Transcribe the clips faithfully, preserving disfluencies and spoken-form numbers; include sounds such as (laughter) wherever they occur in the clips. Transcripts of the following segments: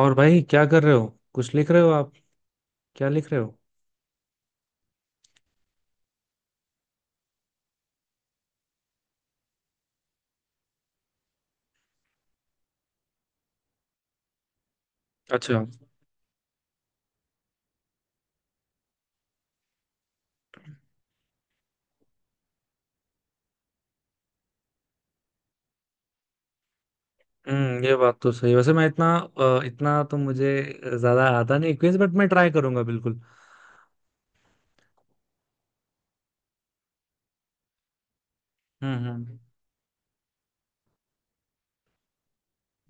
और भाई क्या कर रहे हो? कुछ लिख रहे हो आप? क्या लिख रहे हो? अच्छा। हम्म, ये बात तो सही है। वैसे मैं इतना अ, इतना तो मुझे ज्यादा आता नहीं क्विज, बट मैं ट्राई करूंगा बिल्कुल। हम्म हम्म।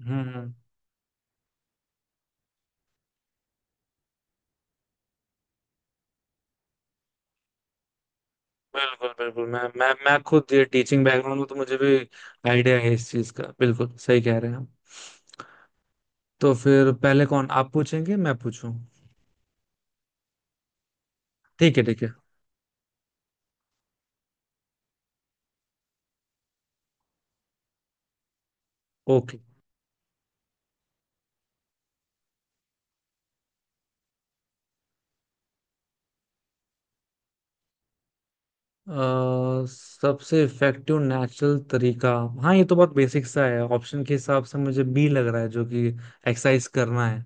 हम्म हम्म, बिल्कुल बिल्कुल। मैं मैं मैं खुद ये टीचिंग बैकग्राउंड में, तो मुझे भी आइडिया है इस चीज का। बिल्कुल सही कह रहे हैं आप। तो फिर पहले कौन, आप पूछेंगे मैं पूछूं? ठीक है ठीक है। ओके। अ, सबसे इफेक्टिव नेचुरल तरीका। हाँ, ये तो बहुत बेसिक सा है। ऑप्शन के हिसाब से मुझे बी लग रहा है, जो कि एक्सरसाइज करना है।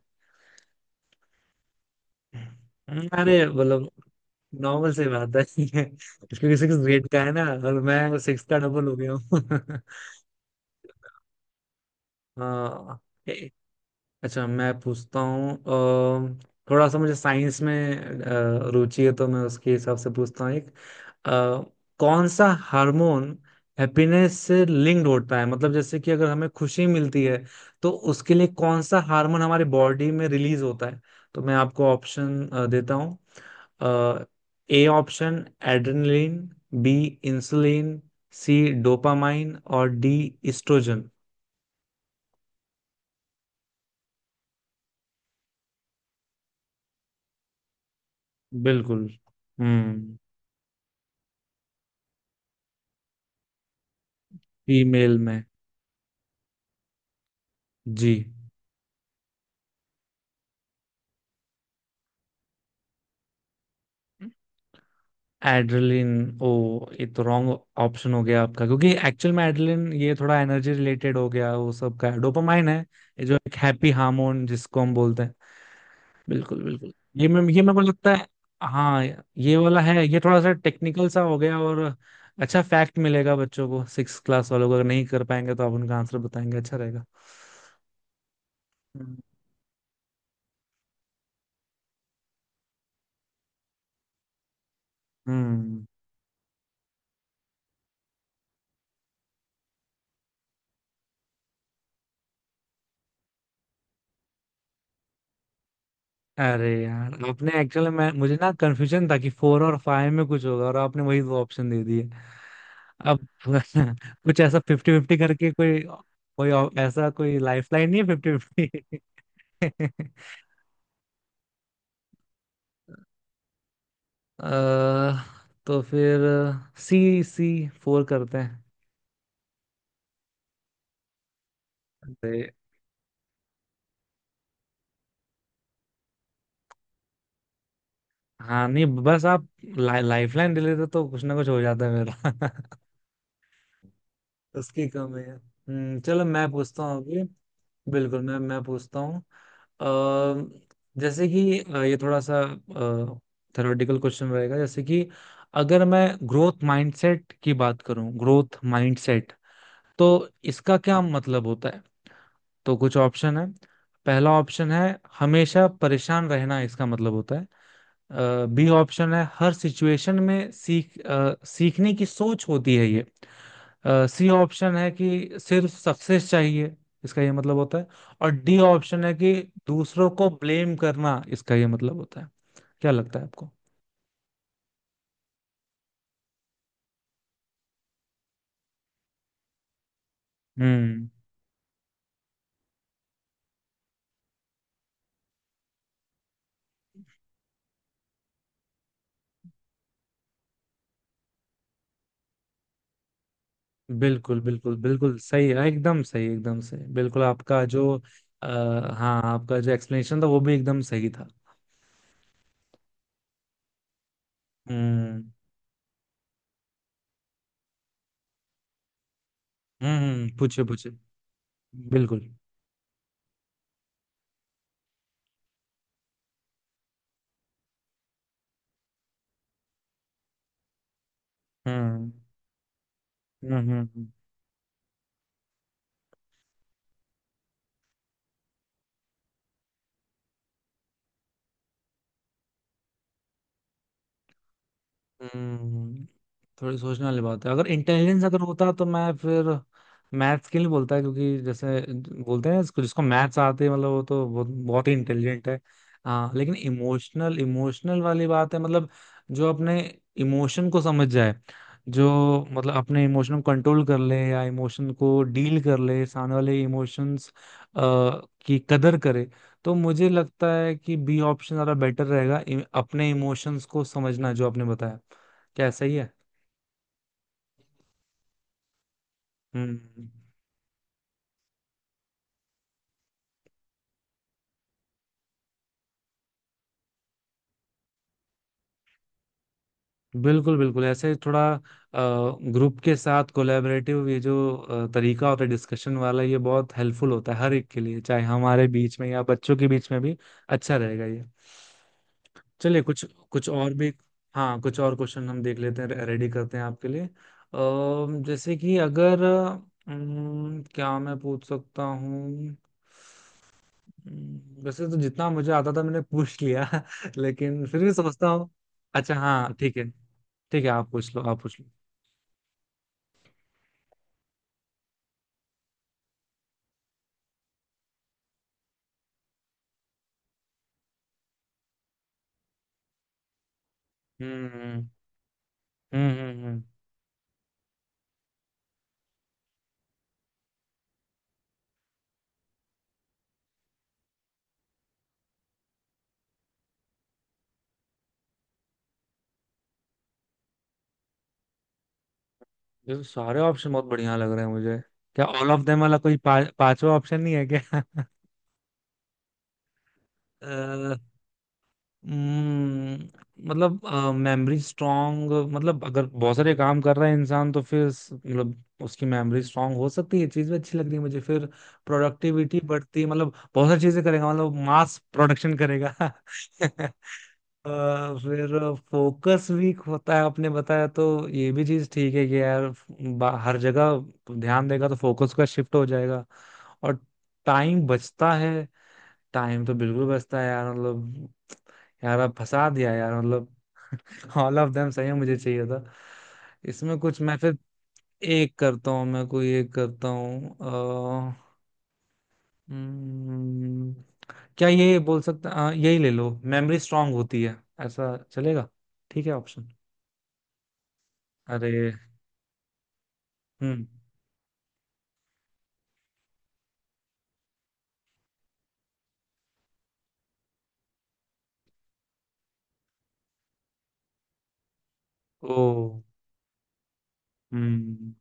अरे मतलब नॉर्मल सी बात है (laughs) क्योंकि सिक्स ग्रेड का है ना, और मैं सिक्स का डबल हो गया हूँ (laughs) हाँ, अच्छा मैं पूछता हूँ। अम, थोड़ा सा मुझे साइंस में अ, रुचि है, तो मैं उसके हिसाब से पूछता हूँ एक। अ, कौन सा हार्मोन हैप्पीनेस से लिंक्ड होता है? मतलब जैसे कि अगर हमें खुशी मिलती है, तो उसके लिए कौन सा हार्मोन हमारे बॉडी में रिलीज होता है? तो मैं आपको ऑप्शन देता हूँ। A option adrenaline, B insulin, C dopamine, और डी इस्ट्रोजन। बिल्कुल। हम्म। फीमेल में। जी। एड्रेलिन, ओ, ये तो रॉन्ग ऑप्शन हो गया आपका। क्योंकि एक्चुअल में एड्रेलिन ये थोड़ा एनर्जी रिलेटेड हो गया, वो सब का डोपामाइन है। ये जो एक हैप्पी हार्मोन जिसको हम बोलते हैं। बिल्कुल बिल्कुल। ये मैं, ये मेरे को लगता है हाँ ये वाला है। ये थोड़ा सा टेक्निकल सा हो गया, और अच्छा फैक्ट मिलेगा बच्चों को। सिक्स क्लास वालों को, अगर नहीं कर पाएंगे तो आप उनका आंसर बताएंगे, अच्छा रहेगा। हम्म। अरे यार, आपने एक्चुअली, मैं, मुझे ना कंफ्यूजन था कि फोर और फाइव में कुछ होगा, और आपने वही दो ऑप्शन दे दिए। अब (laughs) कुछ ऐसा फिफ्टी फिफ्टी करके कोई, कोई और- ऐसा कोई लाइफ लाइन नहीं है फिफ्टी फिफ्टी। (laughs) अ, तो फिर सी सी फोर करते हैं। अरे। हाँ नहीं, बस आप ला, लाइफ लाइन दे लेते तो कुछ ना कुछ हो जाता है मेरा। उसकी कम है। हम्म, चलो मैं पूछता हूँ अभी। बिल्कुल, मैं मैं पूछता हूँ। अ, जैसे कि अ, ये थोड़ा सा थ्योरेटिकल क्वेश्चन रहेगा। जैसे कि अगर मैं ग्रोथ माइंडसेट की बात करूं, ग्रोथ माइंडसेट तो इसका क्या मतलब होता है? तो कुछ ऑप्शन है। पहला ऑप्शन है हमेशा परेशान रहना इसका मतलब होता है। अ, बी ऑप्शन है हर सिचुएशन में सीख, अ, सीखने की सोच होती है ये। सी ऑप्शन है कि सिर्फ सक्सेस चाहिए इसका ये मतलब होता है। और डी ऑप्शन है कि दूसरों को ब्लेम करना इसका ये मतलब होता है। क्या लगता है आपको? हम्म। बिल्कुल बिल्कुल, बिल्कुल सही है, एकदम सही, एकदम सही। बिल्कुल आपका जो, आ, हाँ, आपका जो एक्सप्लेनेशन था वो भी एकदम सही था। हम्म। हम्म, पूछे पूछे, बिल्कुल। हम्म हम्म। हम्म हम्म। हम्म, थोड़ी सोचने वाली बात है। अगर इंटेलिजेंस अगर होता तो मैं फिर मैथ्स के लिए बोलता, क्योंकि जैसे बोलते हैं इसको, जिसको मैथ्स आते हैं मतलब वो तो बहुत बहुत ही इंटेलिजेंट है। हाँ, लेकिन इमोशनल, इमोशनल वाली बात है मतलब जो अपने इमोशन को समझ जाए, जो मतलब अपने इमोशन को कंट्रोल कर ले या इमोशन को डील कर ले, सामने वाले इमोशंस की कदर करे। तो मुझे लगता है कि बी ऑप्शन ज़्यादा बेटर रहेगा, इ- अपने इमोशंस को समझना, जो आपने बताया। क्या सही है? हम्म। बिल्कुल बिल्कुल, ऐसे थोड़ा ग्रुप के साथ कोलैबोरेटिव ये जो अ, तरीका होता है डिस्कशन वाला, ये बहुत हेल्पफुल होता है हर एक के लिए, चाहे हमारे बीच में या बच्चों के बीच में भी। अच्छा रहेगा ये। चलिए कुछ, कुछ और भी। हाँ, कुछ और क्वेश्चन हम देख लेते हैं, रेडी करते हैं आपके लिए। अ, जैसे कि अगर, अम, क्या मैं पूछ सकता हूँ? हम्म, वैसे तो जितना मुझे आता था मैंने पूछ लिया (laughs) लेकिन फिर भी सोचता हूँ। अच्छा हाँ, ठीक है। ठीक है, आप पूछ लो आप पूछ लो। हम्म हम्म। हम्म हम्म। ये तो सारे ऑप्शन बहुत बढ़िया लग रहे हैं मुझे। क्या ऑल ऑफ देम वाला कोई पा, पांचवा ऑप्शन नहीं है क्या? (laughs) हम्म, मतलब मेमोरी स्ट्रांग, मतलब अगर बहुत सारे काम कर रहा है इंसान तो फिर स- मतलब उसकी मेमोरी स्ट्रांग हो सकती है, ये चीज भी अच्छी लग रही है मुझे। फिर प्रोडक्टिविटी बढ़ती है, मतलब बहुत सारी चीजें करेगा, मतलब मास प्रोडक्शन करेगा (laughs) अ, फिर फोकस वीक होता है आपने बताया, तो ये भी चीज ठीक है कि यार बा- हर जगह ध्यान देगा तो फोकस का शिफ्ट हो जाएगा। और टाइम बचता है, टाइम तो बिल्कुल बचता है यार, मतलब यार आप फंसा दिया यार मतलब (laughs) ऑल ऑफ देम सही है मुझे चाहिए था इसमें कुछ मैं फिर। एक करता हूँ, मैं कोई एक करता हूँ। अ, हम्म, क्या ये बोल सकता, अ, यही ले लो, मेमोरी स्ट्रांग होती है, ऐसा चलेगा? ठीक है ऑप्शन। अरे। हम्म। ओ। हम्म।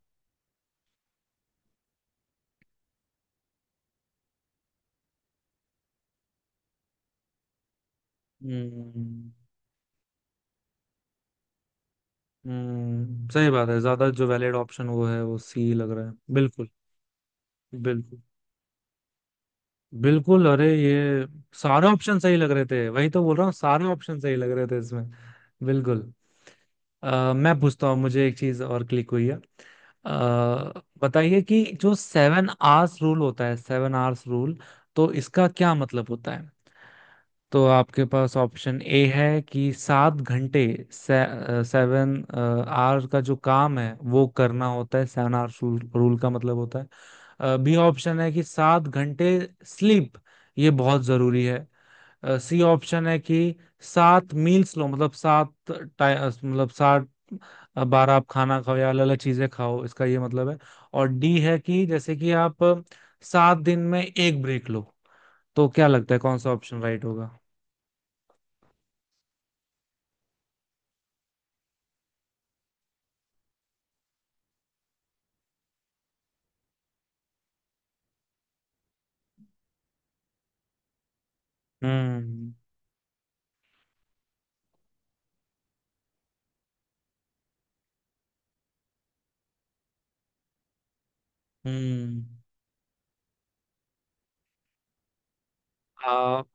हम्म। हम्म, सही बात है, ज्यादा जो वैलिड ऑप्शन वो है वो सी लग रहा है, बिल्कुल। बिल्कुल। बिल्कुल। अरे ये सारे ऑप्शन सही लग रहे थे, वही तो बोल रहा हूँ, सारे ऑप्शन सही लग रहे थे इसमें। बिल्कुल। अ, मैं पूछता हूँ, मुझे एक चीज और क्लिक हुई है। अ, बताइए कि जो सेवन आवर्स रूल होता है, सेवन आवर्स रूल तो इसका क्या मतलब होता है? तो आपके पास ऑप्शन ए है कि सात घंटे से, सेवन आवर का जो काम है वो करना होता है, सेवन आवर रूल, रूल का मतलब होता है। अ, बी ऑप्शन है कि सात घंटे स्लीप, ये बहुत जरूरी है। अ, सी ऑप्शन है कि सात मील्स लो, मतलब सात टाइ- अ, मतलब सात अ, बार आप खाना खाओ, या अलग अलग चीजें खाओ, इसका ये मतलब है। और डी है कि जैसे कि आप अ, सात दिन में एक ब्रेक लो। तो क्या लगता है, कौन सा ऑप्शन राइट होगा? हम्म हम्म। आप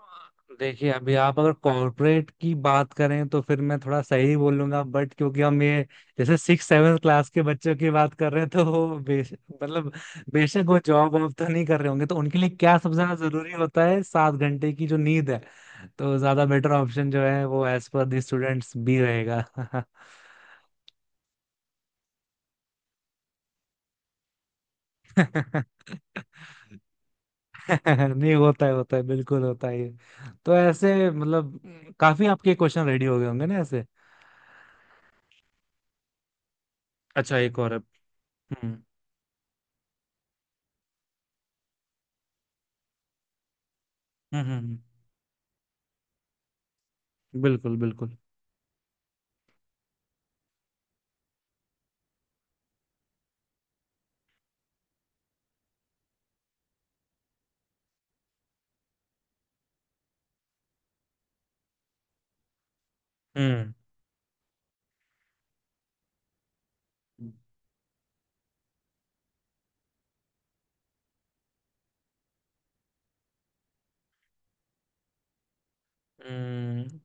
देखिए, अभी आप अगर कॉर्पोरेट की बात करें तो फिर मैं थोड़ा सही बोलूंगा, बट क्योंकि हम ये जैसे सिक्स सेवन क्लास के बच्चों की बात कर रहे हैं, तो वो बेश मतलब बेशक वो जॉब वॉब तो नहीं कर रहे होंगे, तो उनके लिए क्या सबसे ज्यादा जरूरी होता है? सात घंटे की जो नींद है। तो ज्यादा बेटर ऑप्शन जो है वो as per the students B रहेगा। (laughs) (laughs) नहीं, होता है, होता है, बिल्कुल होता है ये। तो ऐसे मतलब काफी आपके क्वेश्चन रेडी हो गए होंगे ना ऐसे। अच्छा एक और है। हम्म हम्म। हम्म हम्म, बिल्कुल बिल्कुल। हम्म हम्म।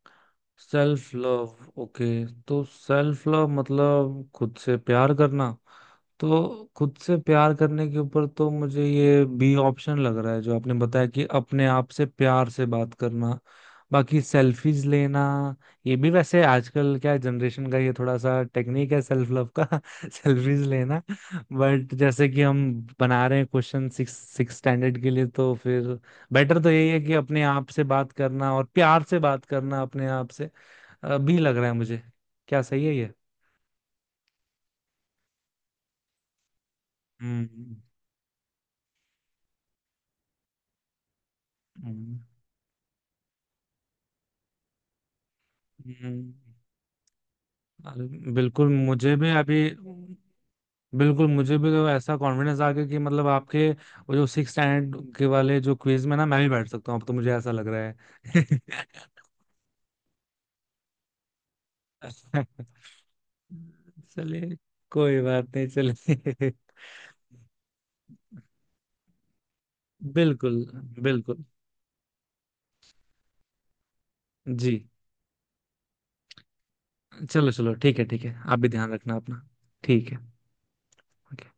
Self love, okay. तो सेल्फ लव मतलब खुद से प्यार करना। तो खुद से प्यार करने के ऊपर तो मुझे ये बी ऑप्शन लग रहा है, जो आपने बताया, कि अपने आप से प्यार से बात करना। बाकी सेल्फीज लेना, ये भी वैसे आजकल क्या जनरेशन का ये थोड़ा सा टेक्निक है सेल्फ लव का (laughs) सेल्फीज लेना। बट जैसे कि हम बना रहे हैं क्वेश्चन सिक्स, सिक्स स्टैंडर्ड के लिए, तो फिर बेटर तो यही है कि अपने आप से बात करना, और प्यार से बात करना अपने आप से। अ, भी लग रहा है मुझे। क्या सही है ये? हम्म। हम्म, हम्म, अरे बिल्कुल। मुझे भी अभी बिल्कुल, मुझे भी तो ऐसा कॉन्फिडेंस आ गया कि मतलब आपके वो जो सिक्स स्टैंडर्ड के वाले जो क्विज में ना, मैं भी बैठ सकता हूँ, अब तो मुझे ऐसा लग रहा है। (laughs) चलिए, कोई बात नहीं, चलिए। (laughs) बिल्कुल, बिल्कुल। जी, चलो चलो, ठीक है ठीक है, आप भी ध्यान रखना अपना। ठीक है। ओके।